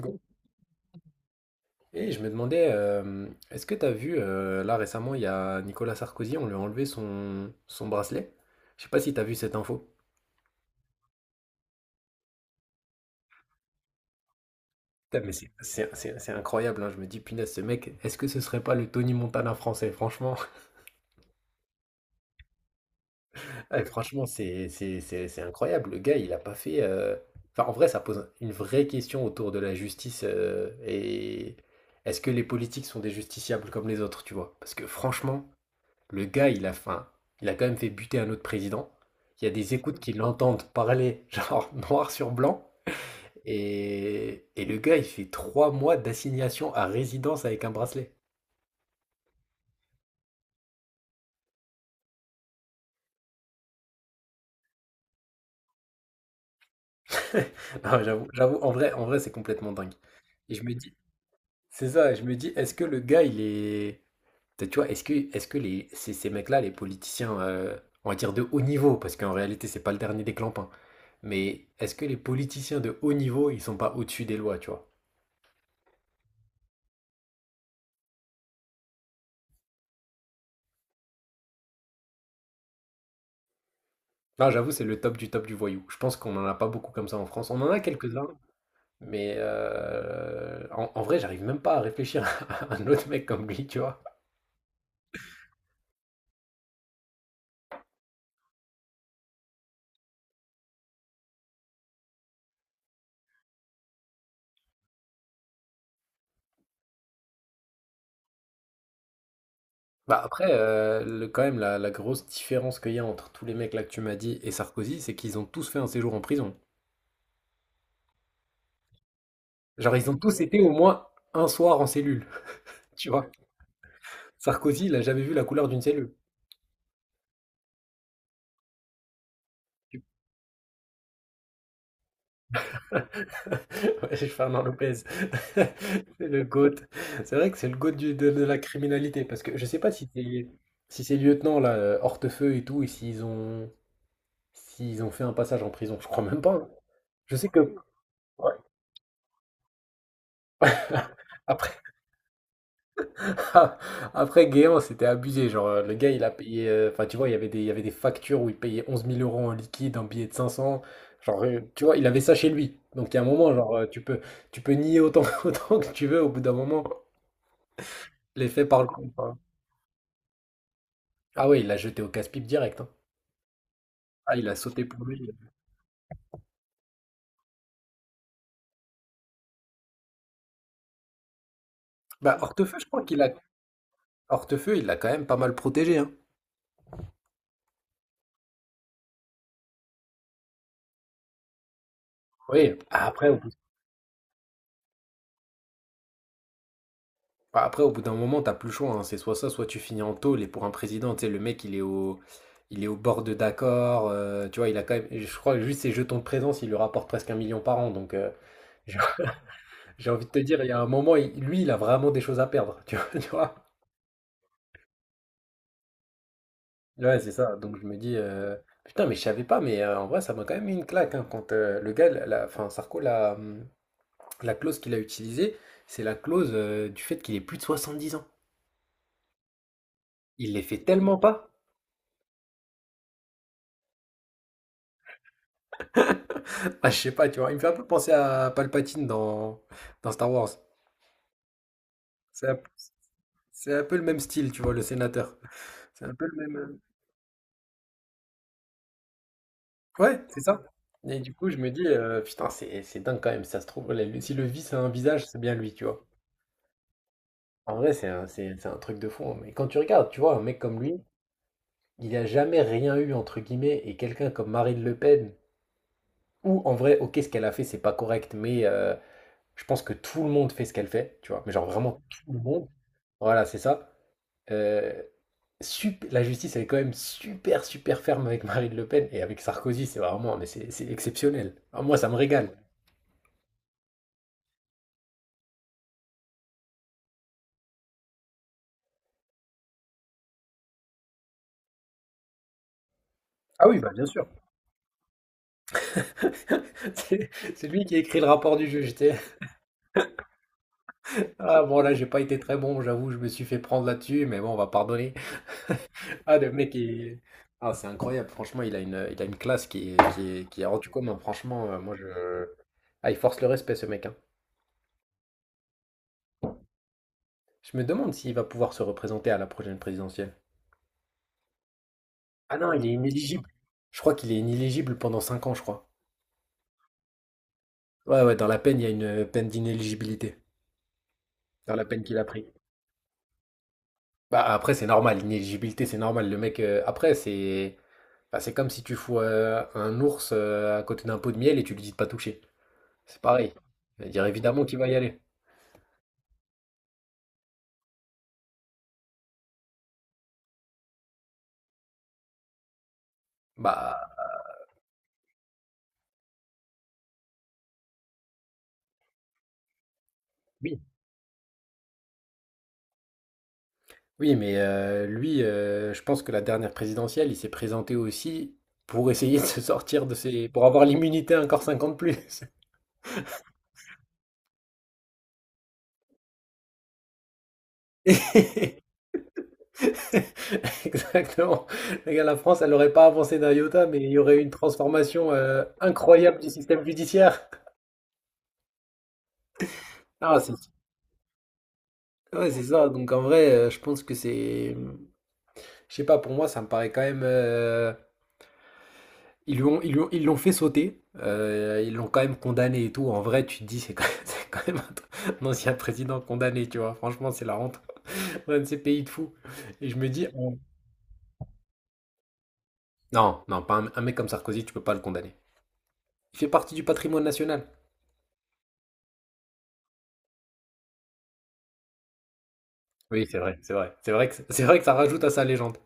Go. Et je me demandais, est-ce que tu as vu, là récemment, il y a Nicolas Sarkozy, on lui a enlevé son bracelet. Je sais pas si tu as vu cette info. Putain, mais c'est incroyable, hein. Je me dis, punaise, ce mec, est-ce que ce serait pas le Tony Montana français, franchement? Ouais, franchement, c'est incroyable. Le gars, il a pas fait. Enfin, en vrai, ça pose une vraie question autour de la justice. Et est-ce que les politiques sont des justiciables comme les autres, tu vois? Parce que franchement. Le gars, il a faim. Il a quand même fait buter un autre président. Il y a des écoutes qui l'entendent parler, genre noir sur blanc. Et le gars, il fait 3 mois d'assignation à résidence avec un bracelet. Non, j'avoue, en vrai, c'est complètement dingue. Et je me dis, c'est ça, je me dis, est-ce que le gars, il est. Tu vois, est-ce que les, ces mecs-là, les politiciens, on va dire de haut niveau, parce qu'en réalité, c'est pas le dernier des clampins, mais est-ce que les politiciens de haut niveau, ils sont pas au-dessus des lois, tu vois? Ah, j'avoue, c'est le top du voyou. Je pense qu'on n'en a pas beaucoup comme ça en France. On en a quelques-uns, mais en vrai, j'arrive même pas à réfléchir à un autre mec comme lui, tu vois. Bah après, quand même, la grosse différence qu'il y a entre tous les mecs là que tu m'as dit et Sarkozy, c'est qu'ils ont tous fait un séjour en prison. Genre, ils ont tous été au moins un soir en cellule, tu vois. Sarkozy, il a jamais vu la couleur d'une cellule. Ouais, Fernand Lopez, c'est le GOAT. C'est vrai que c'est le GOAT de la criminalité, parce que je sais pas si c'est si ces lieutenants là, Hortefeux et tout, et s'ils ont fait un passage en prison, je crois même pas. Hein. Je sais que, ouais. Après après Guéant, c'était abusé, genre le gars il a payé, enfin tu vois, il y avait des factures où il payait 11 000 € en liquide, un billet de 500 genre tu vois, il avait ça chez lui. Donc il y a un moment, genre tu peux nier autant autant que tu veux, au bout d'un moment, les faits parlent. Ah ouais, il l'a jeté au casse-pipe direct, hein. Ah, il a sauté pour lui. Bah, Hortefeux, je crois qu'il a... Hortefeux, il l'a quand même pas mal protégé, hein. Oui, après, au bout d'un moment, t'as plus le choix, hein. C'est soit ça, soit tu finis en tôle. Et pour un président, tu sais, le mec, il est au bord de d'accord. Tu vois, il a quand même, je crois que juste ses jetons de présence, il lui rapporte presque un million par an. Donc, j'ai j'ai envie de te dire, il y a un moment, lui, il a vraiment des choses à perdre. Tu vois, tu vois. Ouais, c'est ça. Donc, je me dis, putain, mais je savais pas, mais en vrai, ça m'a quand même mis une claque, hein, quand le gars, enfin, Sarko l'a. La clause qu'il a utilisée, c'est la clause du fait qu'il ait plus de 70 ans. Il les fait tellement pas. Ah, je sais pas, tu vois, il me fait un peu penser à Palpatine dans Star Wars. C'est un, c'est un peu le même style, tu vois, le sénateur. C'est un peu le même. Ouais, c'est ça. Et du coup, je me dis, putain, c'est dingue quand même, ça se trouve. Si le vice a un visage, c'est bien lui, tu vois. En vrai, c'est un truc de fond. Mais quand tu regardes, tu vois, un mec comme lui, il a jamais rien eu, entre guillemets, et quelqu'un comme Marine Le Pen, ou en vrai, ok, ce qu'elle a fait, c'est pas correct, mais. Je pense que tout le monde fait ce qu'elle fait, tu vois? Mais genre vraiment tout le monde. Voilà, c'est ça. Euh, la justice, elle est quand même super, super ferme avec Marine Le Pen et avec Sarkozy, c'est vraiment, mais c'est exceptionnel. Ah, moi, ça me régale. Ah oui, bah bien sûr. C'est c'est lui qui a écrit le rapport du juge. Tu sais. Ah bon, là, j'ai pas été très bon, j'avoue, je me suis fait prendre là-dessus, mais bon, on va pardonner. Ah, le mec, ah, c'est incroyable. Franchement, il a une classe qui est hors du commun. Franchement, moi, je. Ah, il force le respect, ce mec. Hein. Je me demande s'il va pouvoir se représenter à la prochaine présidentielle. Ah non, il est inéligible. Je crois qu'il est inéligible pendant 5 ans, je crois. Ouais, ouais, dans la peine, il y a une peine d'inéligibilité. Dans la peine qu'il a pris. Bah après, c'est normal, l'inéligibilité, c'est normal. Le mec, après, c'est comme si tu fous un ours à côté d'un pot de miel et tu lui dis de pas toucher. C'est pareil. Il va dire évidemment qu'il va y aller. Bah oui. Oui, mais lui, je pense que la dernière présidentielle, il s'est présenté aussi pour essayer de se sortir de ses... pour avoir l'immunité encore 50 plus. Exactement. Le gars, la France, elle n'aurait pas avancé d'un iota, mais il y aurait eu une transformation incroyable du système judiciaire. Ah, c'est ouais, c'est ça. Donc en vrai, je pense que c'est... Je sais pas, pour moi, ça me paraît quand même... Ils l'ont fait sauter, ils l'ont quand même condamné et tout. En vrai, tu te dis, c'est quand même, c'est quand même un ancien président condamné, tu vois. Franchement, c'est la honte. Un de ces pays de fous. Et je me dis, non, non, pas un mec comme Sarkozy, tu peux pas le condamner. Il fait partie du patrimoine national. Oui, c'est vrai, c'est vrai. C'est vrai que ça rajoute à sa légende.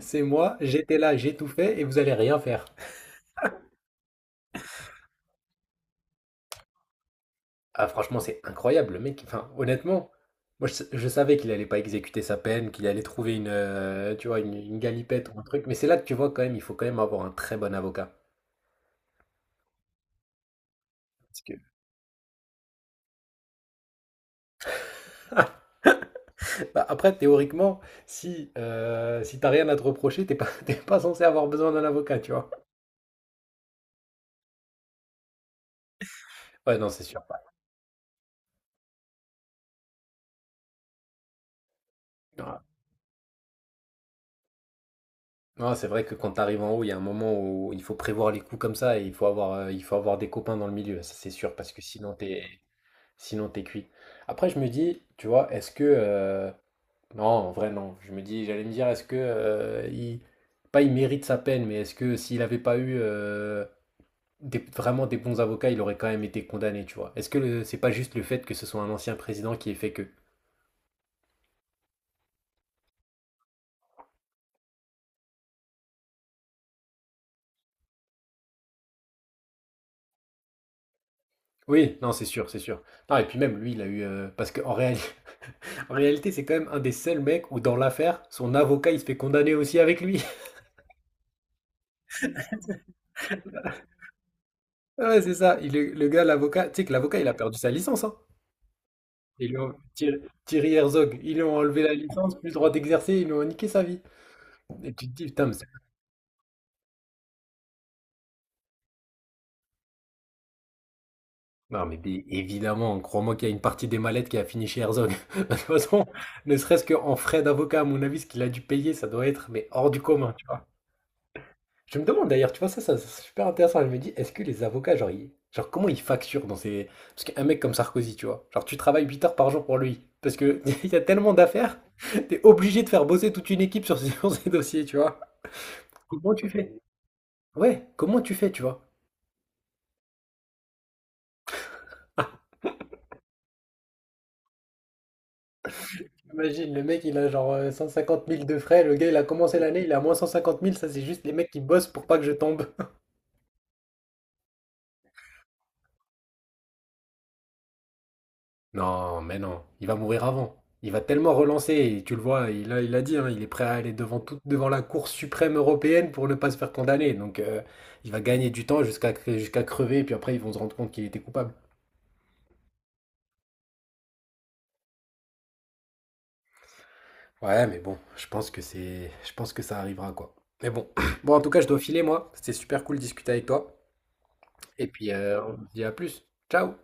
C'est moi, j'étais là, j'ai tout fait et vous allez rien faire. Ah franchement, c'est incroyable, le mec, enfin honnêtement, moi je savais qu'il allait pas exécuter sa peine, qu'il allait trouver une, tu vois, une galipette ou un truc, mais c'est là que tu vois quand même, il faut quand même avoir un très bon avocat. Bah, après, théoriquement, si t'as rien à te reprocher, t'es pas, t'es pas censé avoir besoin d'un avocat, tu vois. Ouais, non, c'est sûr. Ouais. Non, c'est vrai que quand t'arrives en haut, il y a un moment où il faut prévoir les coups comme ça et il faut avoir des copains dans le milieu, ça c'est sûr, parce que sinon t'es cuit. Après, je me dis, tu vois. Non, en vrai, non. Je me dis, j'allais me dire, est-ce que pas il mérite sa peine, mais est-ce que s'il n'avait pas eu vraiment des bons avocats, il aurait quand même été condamné, tu vois? Est-ce que c'est pas juste le fait que ce soit un ancien président qui ait fait que? Oui, non, c'est sûr, c'est sûr. Non, et puis même lui, il a eu parce qu'en réalité, en réalité, c'est quand même un des seuls mecs où dans l'affaire, son avocat, il se fait condamner aussi avec lui. Ouais, c'est ça. Le gars, l'avocat, tu sais que l'avocat, il a perdu sa licence, hein. Ils lui ont- Thierry Thierry Herzog, ils lui ont enlevé la licence, plus le droit d'exercer, ils lui ont niqué sa vie. Et tu te dis: «Putain, mais c'est». Non, mais bien évidemment, crois-moi qu'il y a une partie des mallettes qui a fini chez Herzog. De toute façon, ne serait-ce qu'en frais d'avocat, à mon avis, ce qu'il a dû payer, ça doit être, mais hors du commun, tu vois? Je me demande d'ailleurs, tu vois, ça c'est super intéressant. Je me dis: «Est-ce que les avocats, genre ils genre comment ils facturent dans ces». Parce qu'un mec comme Sarkozy, tu vois? Genre tu travailles 8 heures par jour pour lui, parce que il y a tellement d'affaires, t'es obligé de faire bosser toute une équipe sur ces sur ces dossiers, tu vois? Comment tu fais? Ouais, comment tu fais, tu vois? Imagine, le mec, il a genre 150 000 de frais. Le gars, il a commencé l'année, il a moins 150 000. Ça, c'est juste les mecs qui bossent pour pas que je tombe. Non, mais non, il va mourir avant. Il va tellement relancer, et tu le vois, il a dit, hein, il est prêt à aller devant la Cour suprême européenne pour ne pas se faire condamner. Donc il va gagner du temps jusqu'à crever, et puis après ils vont se rendre compte qu'il était coupable. Ouais, mais bon, je pense que ça arrivera quoi. Mais bon, bon, en tout cas, je dois filer, moi. C'était super cool de discuter avec toi. Et puis on se dit à plus. Ciao.